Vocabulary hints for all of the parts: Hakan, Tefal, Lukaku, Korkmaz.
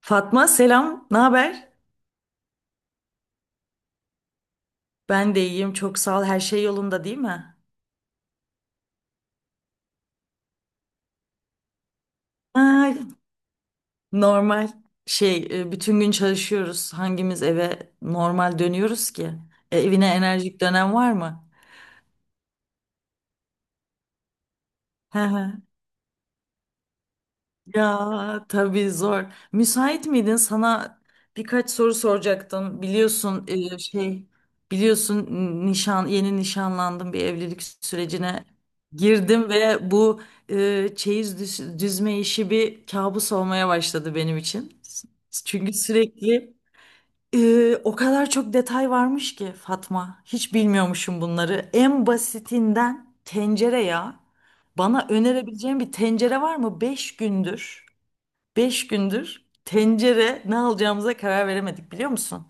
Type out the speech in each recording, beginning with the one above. Fatma selam, ne haber? Ben de iyiyim, çok sağ ol. Her şey yolunda değil mi? Ay, normal şey, bütün gün çalışıyoruz. Hangimiz eve normal dönüyoruz ki? Evine enerjik dönem var mı? Hı hı. Ya tabii zor. Müsait miydin? Sana birkaç soru soracaktım. Biliyorsun şey biliyorsun nişan yeni nişanlandım, bir evlilik sürecine girdim ve bu çeyiz düzme işi bir kabus olmaya başladı benim için. Çünkü sürekli o kadar çok detay varmış ki Fatma. Hiç bilmiyormuşum bunları. En basitinden tencere ya. Bana önerebileceğin bir tencere var mı? Beş gündür. Beş gündür tencere ne alacağımıza karar veremedik biliyor musun?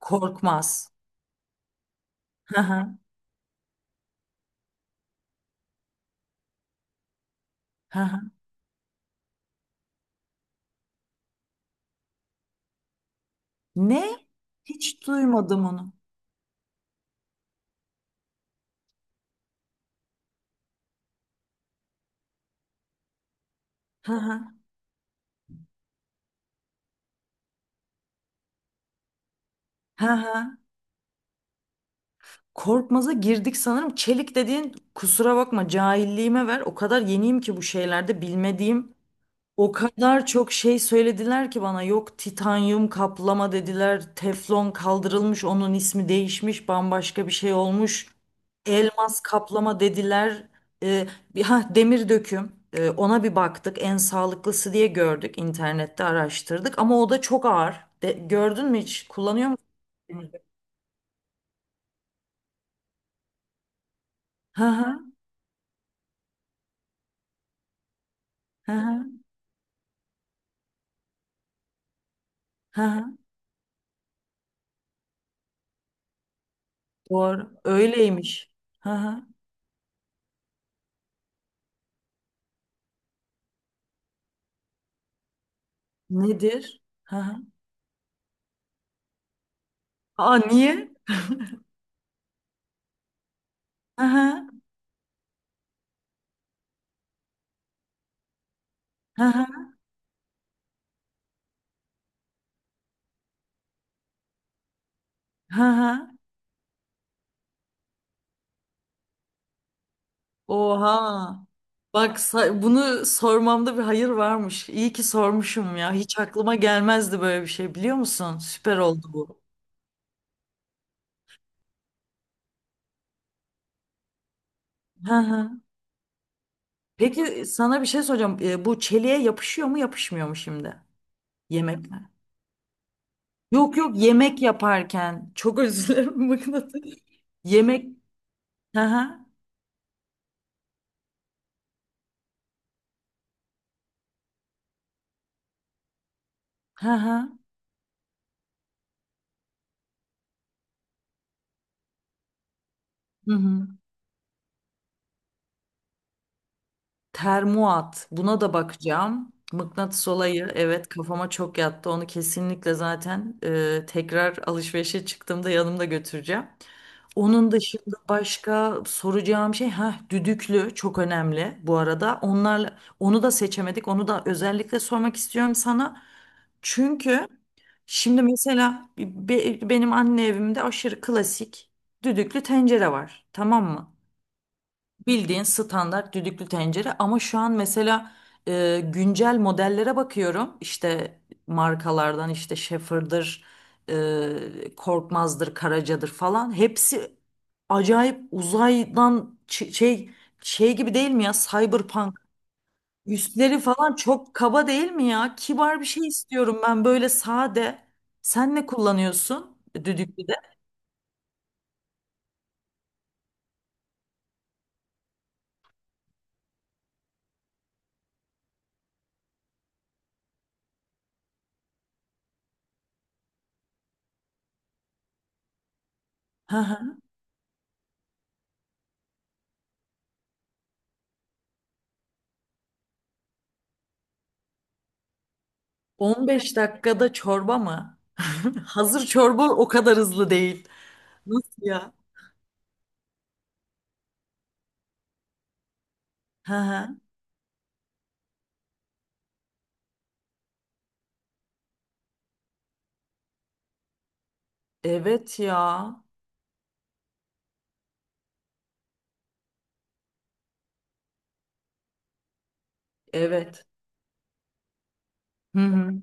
Korkmaz. Hı hı, hı hı. Ne? Hiç duymadım onu. Hı hı, hı hı. Korkmaz'a girdik sanırım. Çelik dediğin, kusura bakma cahilliğime ver. O kadar yeniyim ki bu şeylerde, bilmediğim o kadar çok şey söylediler ki bana. Yok titanyum kaplama dediler, teflon kaldırılmış, onun ismi değişmiş, bambaşka bir şey olmuş. Elmas kaplama dediler. Ee, bir ha demir döküm. Ona bir baktık. En sağlıklısı diye gördük. İnternette araştırdık ama o da çok ağır. Gördün mü hiç? Kullanıyor musun? Demir döküm? Hı hı. Hı hı. Hı hı. Doğru. Öyleymiş. Hı hı. Nedir? Hı hı. Aa niye? Hı hı. Hı hı. Hı hı. Oha. Bak bunu sormamda bir hayır varmış. İyi ki sormuşum ya. Hiç aklıma gelmezdi böyle bir şey, biliyor musun? Süper oldu bu. Hı hı. Peki sana bir şey soracağım. Bu çeliğe yapışıyor mu yapışmıyor mu şimdi? Yemekler. Yok yok, yemek yaparken. Çok özür dilerim mıknatıs. Yemek. Hı hı. Hı hı. Hı hı. Termuat. Buna da bakacağım. Mıknatıs olayı, evet, kafama çok yattı. Onu kesinlikle zaten tekrar alışverişe çıktığımda yanımda götüreceğim. Onun dışında başka soracağım şey, ha, düdüklü çok önemli bu arada. Onlarla onu da seçemedik. Onu da özellikle sormak istiyorum sana. Çünkü şimdi mesela benim anne evimde aşırı klasik düdüklü tencere var. Tamam mı? Bildiğin standart düdüklü tencere ama şu an mesela güncel modellere bakıyorum. İşte markalardan işte Schaefer'dır, Korkmaz'dır, Karaca'dır falan. Hepsi acayip, uzaydan şey, şey gibi değil mi ya? Cyberpunk. Üstleri falan çok kaba değil mi ya? Kibar bir şey istiyorum ben, böyle sade. Sen ne kullanıyorsun düdüklüde? 15 dakikada çorba mı? Hazır çorba o kadar hızlı değil. Nasıl ya? Hı hı. Evet ya. Evet. Hı hı.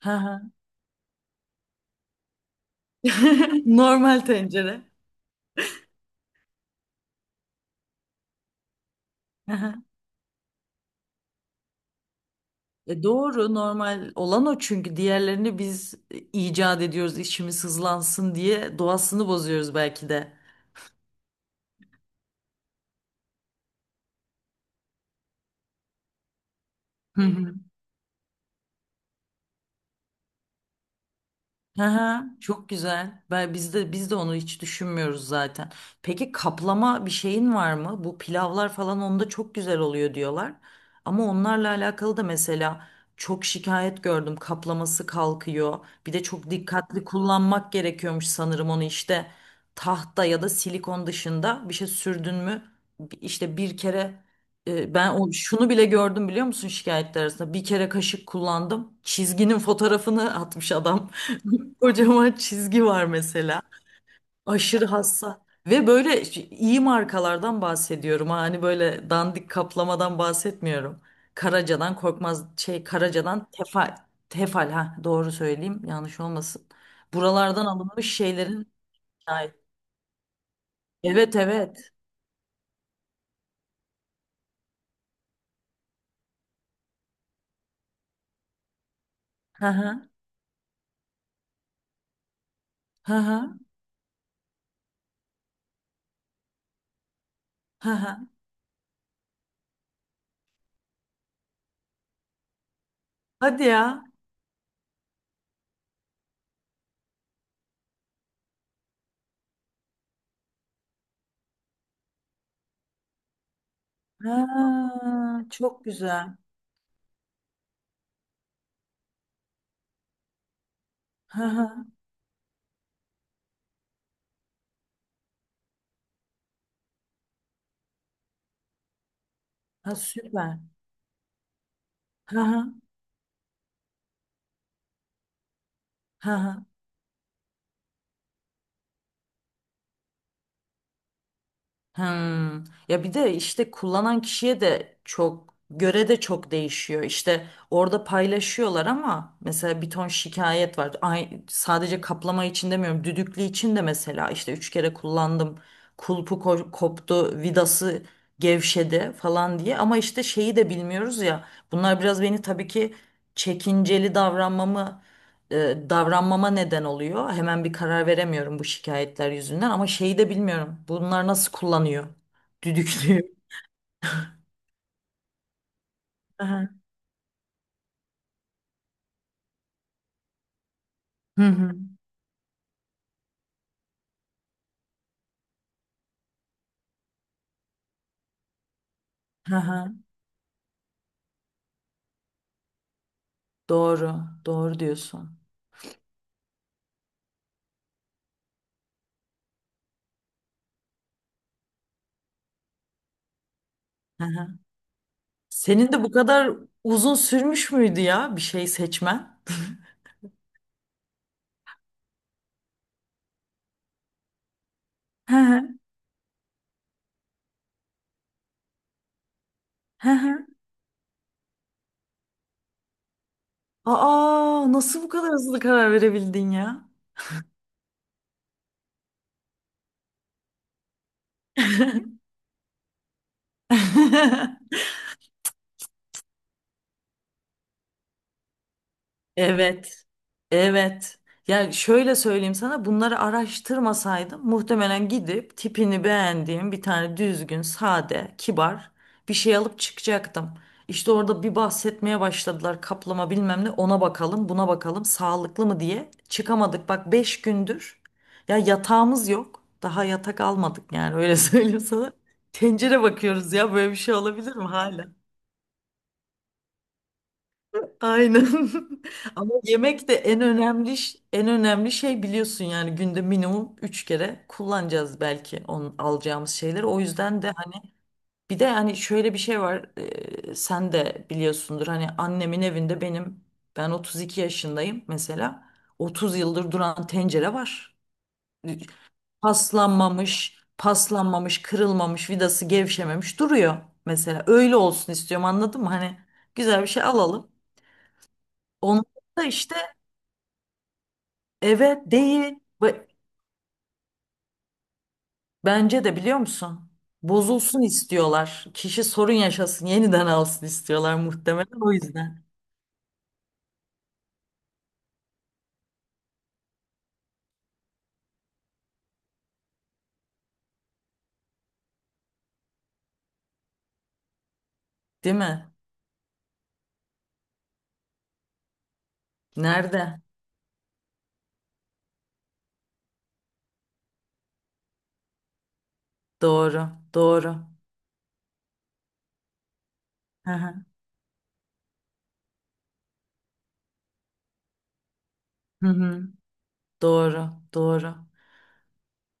Hı hı. Normal tencere. Hı hı. E doğru, normal olan o çünkü, diğerlerini biz icat ediyoruz, işimiz hızlansın diye doğasını bozuyoruz belki de. Hı hı. Hı hı, çok güzel. Ben biz de onu hiç düşünmüyoruz zaten. Peki kaplama bir şeyin var mı? Bu pilavlar falan onda çok güzel oluyor diyorlar. Ama onlarla alakalı da mesela çok şikayet gördüm. Kaplaması kalkıyor. Bir de çok dikkatli kullanmak gerekiyormuş sanırım onu, işte tahta ya da silikon dışında bir şey sürdün mü? İşte bir kere ben o, şunu bile gördüm biliyor musun şikayetler arasında. Bir kere kaşık kullandım. Çizginin fotoğrafını atmış adam. Kocaman çizgi var mesela. Aşırı hassas. Ve böyle iyi markalardan bahsediyorum, ha. Hani böyle dandik kaplamadan bahsetmiyorum. Karaca'dan korkmaz, şey, Karaca'dan Tefal. Tefal, ha, doğru söyleyeyim yanlış olmasın. Buralardan alınmış şeylerin şahit. Evet evet. Hı hı. Hı hı. Hı hı. Hadi ya. Ha, çok güzel. Hı hı. Ha, süper. Hı hı. Hı hı. Hmm. Ya bir de işte kullanan kişiye de çok göre de çok değişiyor. İşte orada paylaşıyorlar ama mesela bir ton şikayet var. Ay, sadece kaplama için demiyorum. Düdüklü için de mesela işte üç kere kullandım. Kulpu koptu, vidası gevşedi falan diye. Ama işte şeyi de bilmiyoruz ya. Bunlar biraz beni tabii ki çekinceli davranmamı, davranmama neden oluyor. Hemen bir karar veremiyorum bu şikayetler yüzünden ama şeyi de bilmiyorum. Bunlar nasıl kullanıyor? Düdüklüyor. Aha. Hı hı. Hı hı. Doğru. Doğru diyorsun. Hı hı. Senin de bu kadar uzun sürmüş müydü ya bir şey seçmen? Hı hı. Hı hı. Aa, nasıl bu kadar hızlı karar verebildin ya? Evet. Evet. Ya şöyle söyleyeyim sana, bunları araştırmasaydım muhtemelen gidip tipini beğendiğim bir tane düzgün, sade, kibar bir şey alıp çıkacaktım. İşte orada bir bahsetmeye başladılar kaplama bilmem ne, ona bakalım, buna bakalım, sağlıklı mı diye çıkamadık. Bak 5 gündür ya, yatağımız yok, daha yatak almadık yani, öyle söyleyeyim sana. Tencere bakıyoruz ya, böyle bir şey olabilir mi hala? Aynen. Ama yemek de en önemli en önemli şey biliyorsun, yani günde minimum 3 kere kullanacağız belki onun, alacağımız şeyleri. O yüzden de hani bir de hani şöyle bir şey var. Sen de biliyorsundur hani annemin evinde benim, ben 32 yaşındayım mesela. 30 yıldır duran tencere var. Paslanmamış, paslanmamış, kırılmamış, vidası gevşememiş duruyor mesela. Öyle olsun istiyorum, anladın mı? Hani güzel bir şey alalım. Onu da işte. Evet, değil. Ba- Bence de, biliyor musun? Bozulsun istiyorlar. Kişi sorun yaşasın, yeniden alsın istiyorlar muhtemelen, o yüzden. Değil mi? Nerede? Doğru, doğru. Hı hı. Hı hı. Doğru, doğru.